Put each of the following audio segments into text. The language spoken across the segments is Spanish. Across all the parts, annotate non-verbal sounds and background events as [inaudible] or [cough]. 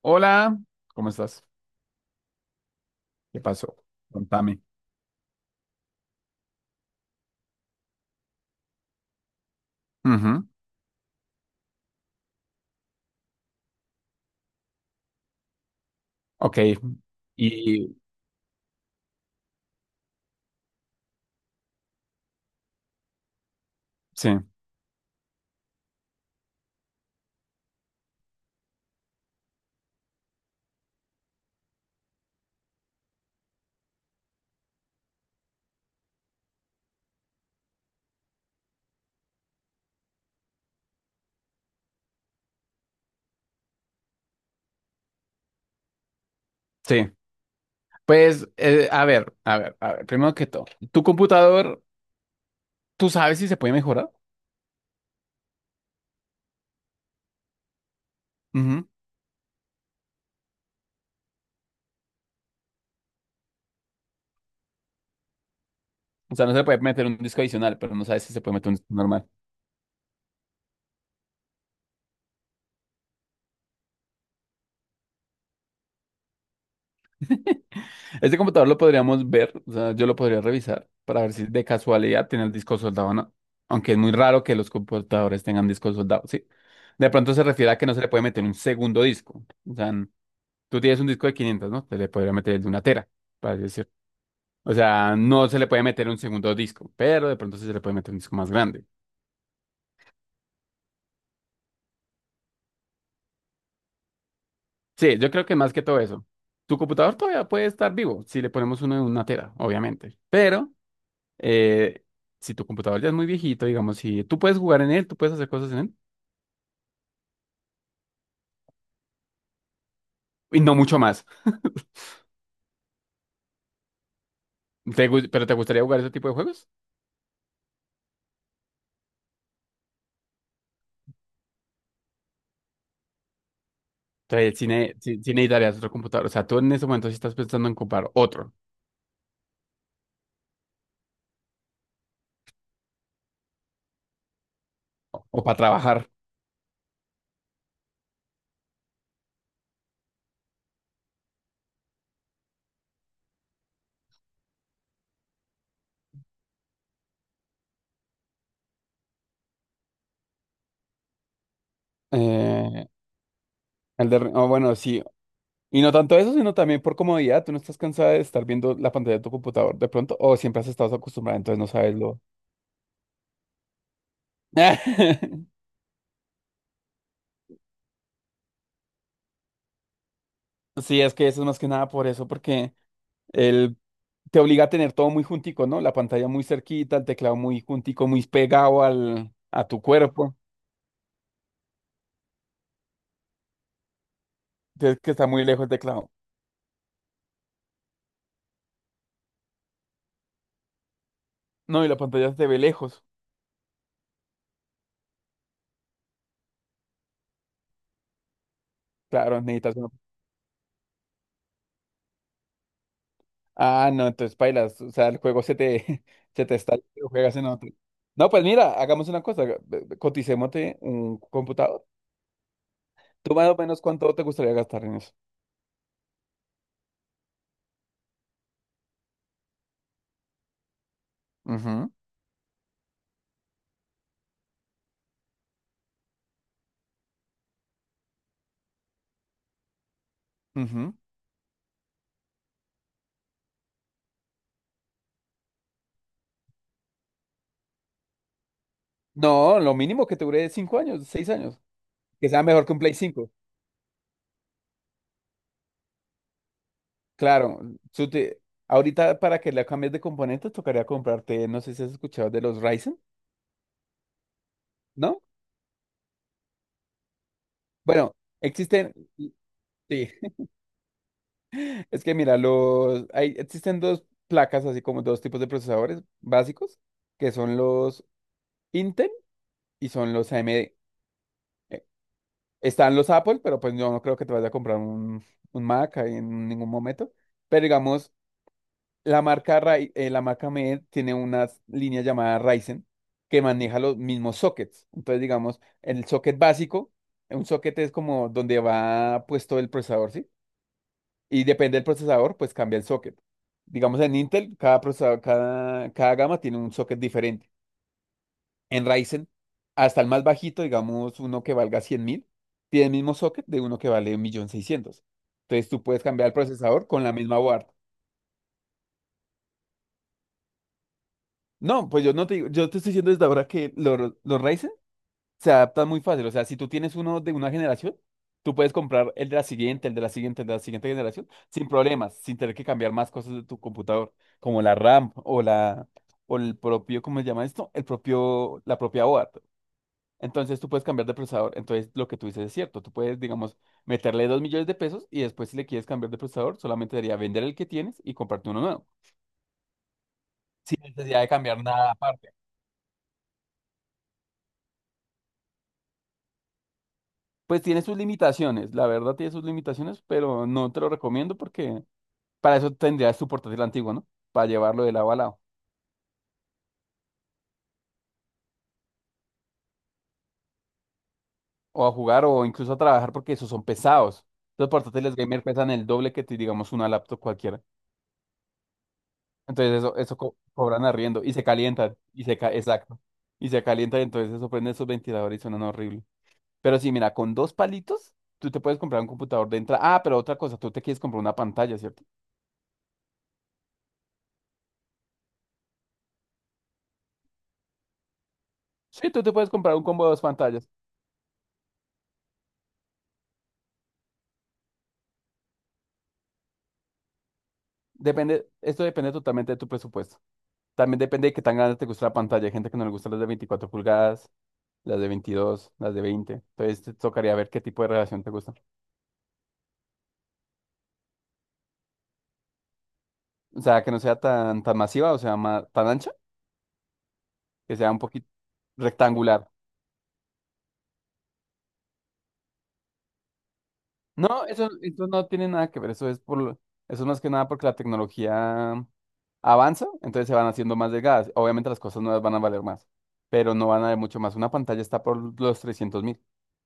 Hola, ¿cómo estás? ¿Qué pasó? Contame. Ujú. Ok. Y sí, sí. Pues, a ver, primero que todo, tu computador, ¿tú sabes si se puede mejorar? Ujú. O sea, no se puede meter un disco adicional, pero no sabes si se puede meter un disco normal. Este computador lo podríamos ver, o sea, yo lo podría revisar para ver si de casualidad tiene el disco soldado o no. Aunque es muy raro que los computadores tengan discos soldados, ¿sí? De pronto se refiere a que no se le puede meter un segundo disco. O sea, tú tienes un disco de 500, ¿no? Te le podría meter el de una tera, para así decir. O sea, no se le puede meter un segundo disco, pero de pronto sí se le puede meter un disco más grande. Sí, yo creo que más que todo eso. Tu computador todavía puede estar vivo si le ponemos uno de una tera, obviamente. Pero eh, si tu computador ya es muy viejito, digamos, si tú puedes jugar en él, tú puedes hacer cosas en él y no mucho más. ¿Pero te gustaría jugar ese tipo de juegos? Entonces, si necesitarías otro computador, o sea, tú en ese momento sí estás pensando en comprar otro o, para trabajar. Eh, el de, o bueno, sí. Y no tanto eso, sino también por comodidad. Tú no estás cansada de estar viendo la pantalla de tu computador de pronto, o siempre has estado acostumbrada, entonces no sabes lo. [laughs] Sí, es que eso es más que nada por eso, porque él te obliga a tener todo muy juntico, ¿no? La pantalla muy cerquita, el teclado muy juntico, muy pegado al, a tu cuerpo. Entonces, que está muy lejos el teclado. No, y la pantalla se ve lejos. Claro, necesitas una-. Ah, no, entonces bailas. O sea, el juego [laughs] se te está, lo juegas en otro. No, pues mira, hagamos una cosa, coticémote un computador. ¿Tú más o menos cuánto te gustaría gastar en eso? Ujú, ujú. No, lo mínimo que te dure es 5 años, 6 años. Que sea mejor que un Play 5. Claro, tú te- ahorita para que le cambies de componentes tocaría comprarte, no sé si has escuchado de los Ryzen, ¿no? Bueno, existen, sí. [laughs] Es que mira, existen dos placas, así como dos tipos de procesadores básicos, que son los Intel y son los AMD. Están los Apple, pero pues yo no creo que te vayas a comprar un Mac ahí en ningún momento. Pero digamos, la marca, la marca MED tiene una línea llamada Ryzen que maneja los mismos sockets. Entonces, digamos, el socket básico, un socket es como donde va puesto el procesador, ¿sí? Y depende del procesador, pues cambia el socket. Digamos, en Intel, cada procesador, cada gama tiene un socket diferente en Ryzen, hasta el más bajito, digamos uno que valga 100.000, tiene el mismo socket de uno que vale 1.600.000. Entonces tú puedes cambiar el procesador con la misma board. No, pues yo no te digo, yo te estoy diciendo desde ahora que los Ryzen se adaptan muy fácil. O sea, si tú tienes uno de una generación, tú puedes comprar el de la siguiente, el de la siguiente, el de la siguiente generación, sin problemas, sin tener que cambiar más cosas de tu computador, como la RAM o la, o el propio, ¿cómo se llama esto? El propio, la propia board. Entonces tú puedes cambiar de procesador. Entonces lo que tú dices es cierto. Tú puedes, digamos, meterle 2 millones de pesos y después si le quieres cambiar de procesador, solamente sería vender el que tienes y comprarte uno nuevo. Sin necesidad de cambiar nada aparte. Pues tiene sus limitaciones, la verdad tiene sus limitaciones, pero no te lo recomiendo porque para eso tendrías tu portátil antiguo, ¿no? Para llevarlo de lado a lado. O a jugar o incluso a trabajar porque esos son pesados. Los portátiles gamer pesan el doble que, digamos, una laptop cualquiera. Entonces eso cobran arriendo y se calientan, y exacto. Y se calientan, entonces eso prende esos ventiladores y suenan horrible. Pero sí, mira, con dos palitos, tú te puedes comprar un computador de entrada. Ah, pero otra cosa, tú te quieres comprar una pantalla, ¿cierto? Sí, tú te puedes comprar un combo de dos pantallas. Depende, esto depende totalmente de tu presupuesto. También depende de qué tan grande te gusta la pantalla. Hay gente que no le gustan las de 24 pulgadas, las de 22, las de 20. Entonces te tocaría ver qué tipo de relación te gusta. O sea, que no sea tan, tan masiva, o sea, tan ancha, que sea un poquito rectangular. No, eso no tiene nada que ver, eso es por, eso es más que nada porque la tecnología avanza, entonces se van haciendo más delgadas. Obviamente las cosas nuevas van a valer más, pero no van a valer mucho más. Una pantalla está por los 300.000,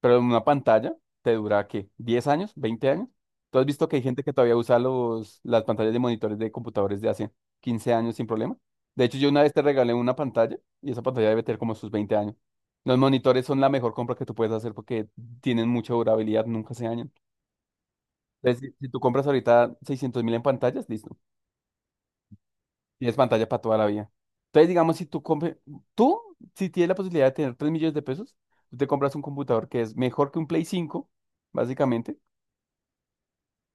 pero una pantalla te dura, ¿qué? ¿10 años? ¿20 años? ¿Tú has visto que hay gente que todavía usa las pantallas de monitores de computadores de hace 15 años sin problema? De hecho, yo una vez te regalé una pantalla y esa pantalla debe tener como sus 20 años. Los monitores son la mejor compra que tú puedes hacer porque tienen mucha durabilidad, nunca se dañan. Entonces, si tú compras ahorita 600 mil en pantallas, listo. Tienes pantalla para toda la vida. Entonces, digamos, si tú compras, tú, si tienes la posibilidad de tener 3 millones de pesos, tú te compras un computador que es mejor que un Play 5, básicamente,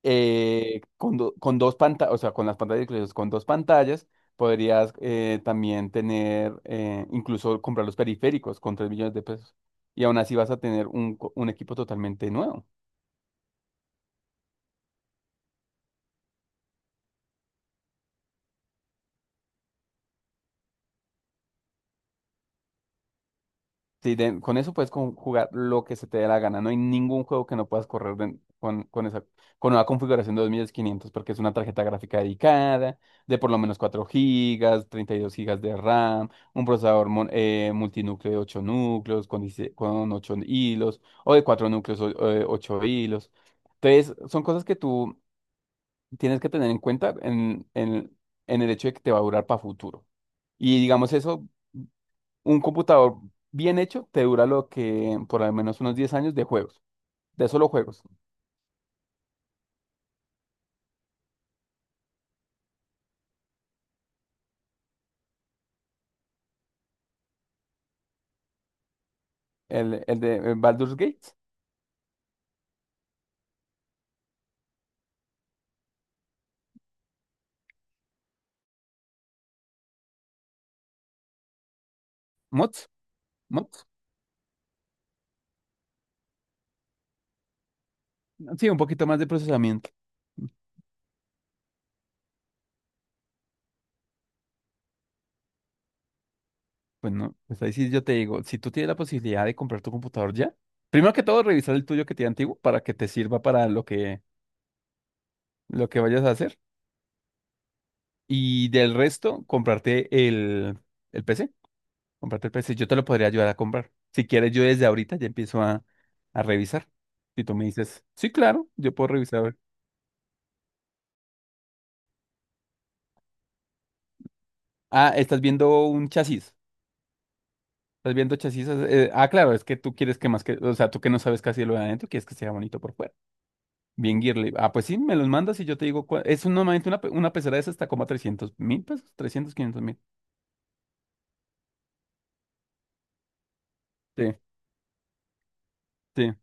con dos pantallas, o sea, con las pantallas incluidas, con dos pantallas, podrías también tener, incluso comprar los periféricos con 3 millones de pesos. Y aún así vas a tener un equipo totalmente nuevo. Sí, con eso puedes jugar lo que se te dé la gana. No hay ningún juego que no puedas correr con esa con una configuración de 2.500 porque es una tarjeta gráfica dedicada de por lo menos 4 gigas 32 gigas de RAM, un procesador multinúcleo de 8 núcleos con, 16 con 8 hilos o de 4 núcleos, o 8 hilos. Entonces, son cosas que tú tienes que tener en cuenta en, en el hecho de que te va a durar para futuro. Y digamos eso. Un computador bien hecho te dura lo que por al menos unos 10 años de juegos, de solo juegos. El de el Baldur's Gate, mods, mods. Sí, un poquito más de procesamiento. Pues no, pues ahí sí yo te digo, si tú tienes la posibilidad de comprar tu computador ya, primero que todo revisar el tuyo que tiene antiguo para que te sirva para lo que vayas a hacer. Y del resto, comprarte el PC. Comprarte el PC, yo te lo podría ayudar a comprar. Si quieres, yo desde ahorita ya empiezo a revisar. Si tú me dices, sí, claro, yo puedo revisar. A ver". Ah, estás viendo un chasis. Estás viendo chasis. Claro, es que tú quieres que más que, o sea, tú que no sabes casi lo de adentro, quieres que sea bonito por fuera. Bien, Girly. Ah, pues sí, me los mandas y yo te digo, normalmente una pecera de esas está como a 300 mil pesos, 300 500 mil. Sí, sí.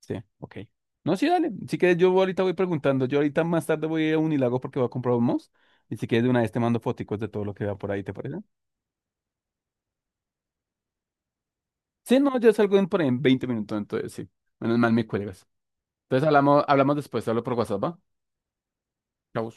Sí, ok. No, sí, dale. Si quieres, yo ahorita voy preguntando. Yo ahorita más tarde voy a ir a Unilago porque voy a comprar un mouse. Y si quieres, de una vez te mando foticos de todo lo que vea por ahí, ¿te parece? Sí, no, yo salgo por ahí en 20 minutos, entonces sí. Menos mal me cuelgas. Entonces hablamos, hablamos después, te hablo por WhatsApp, ¿va? Chau.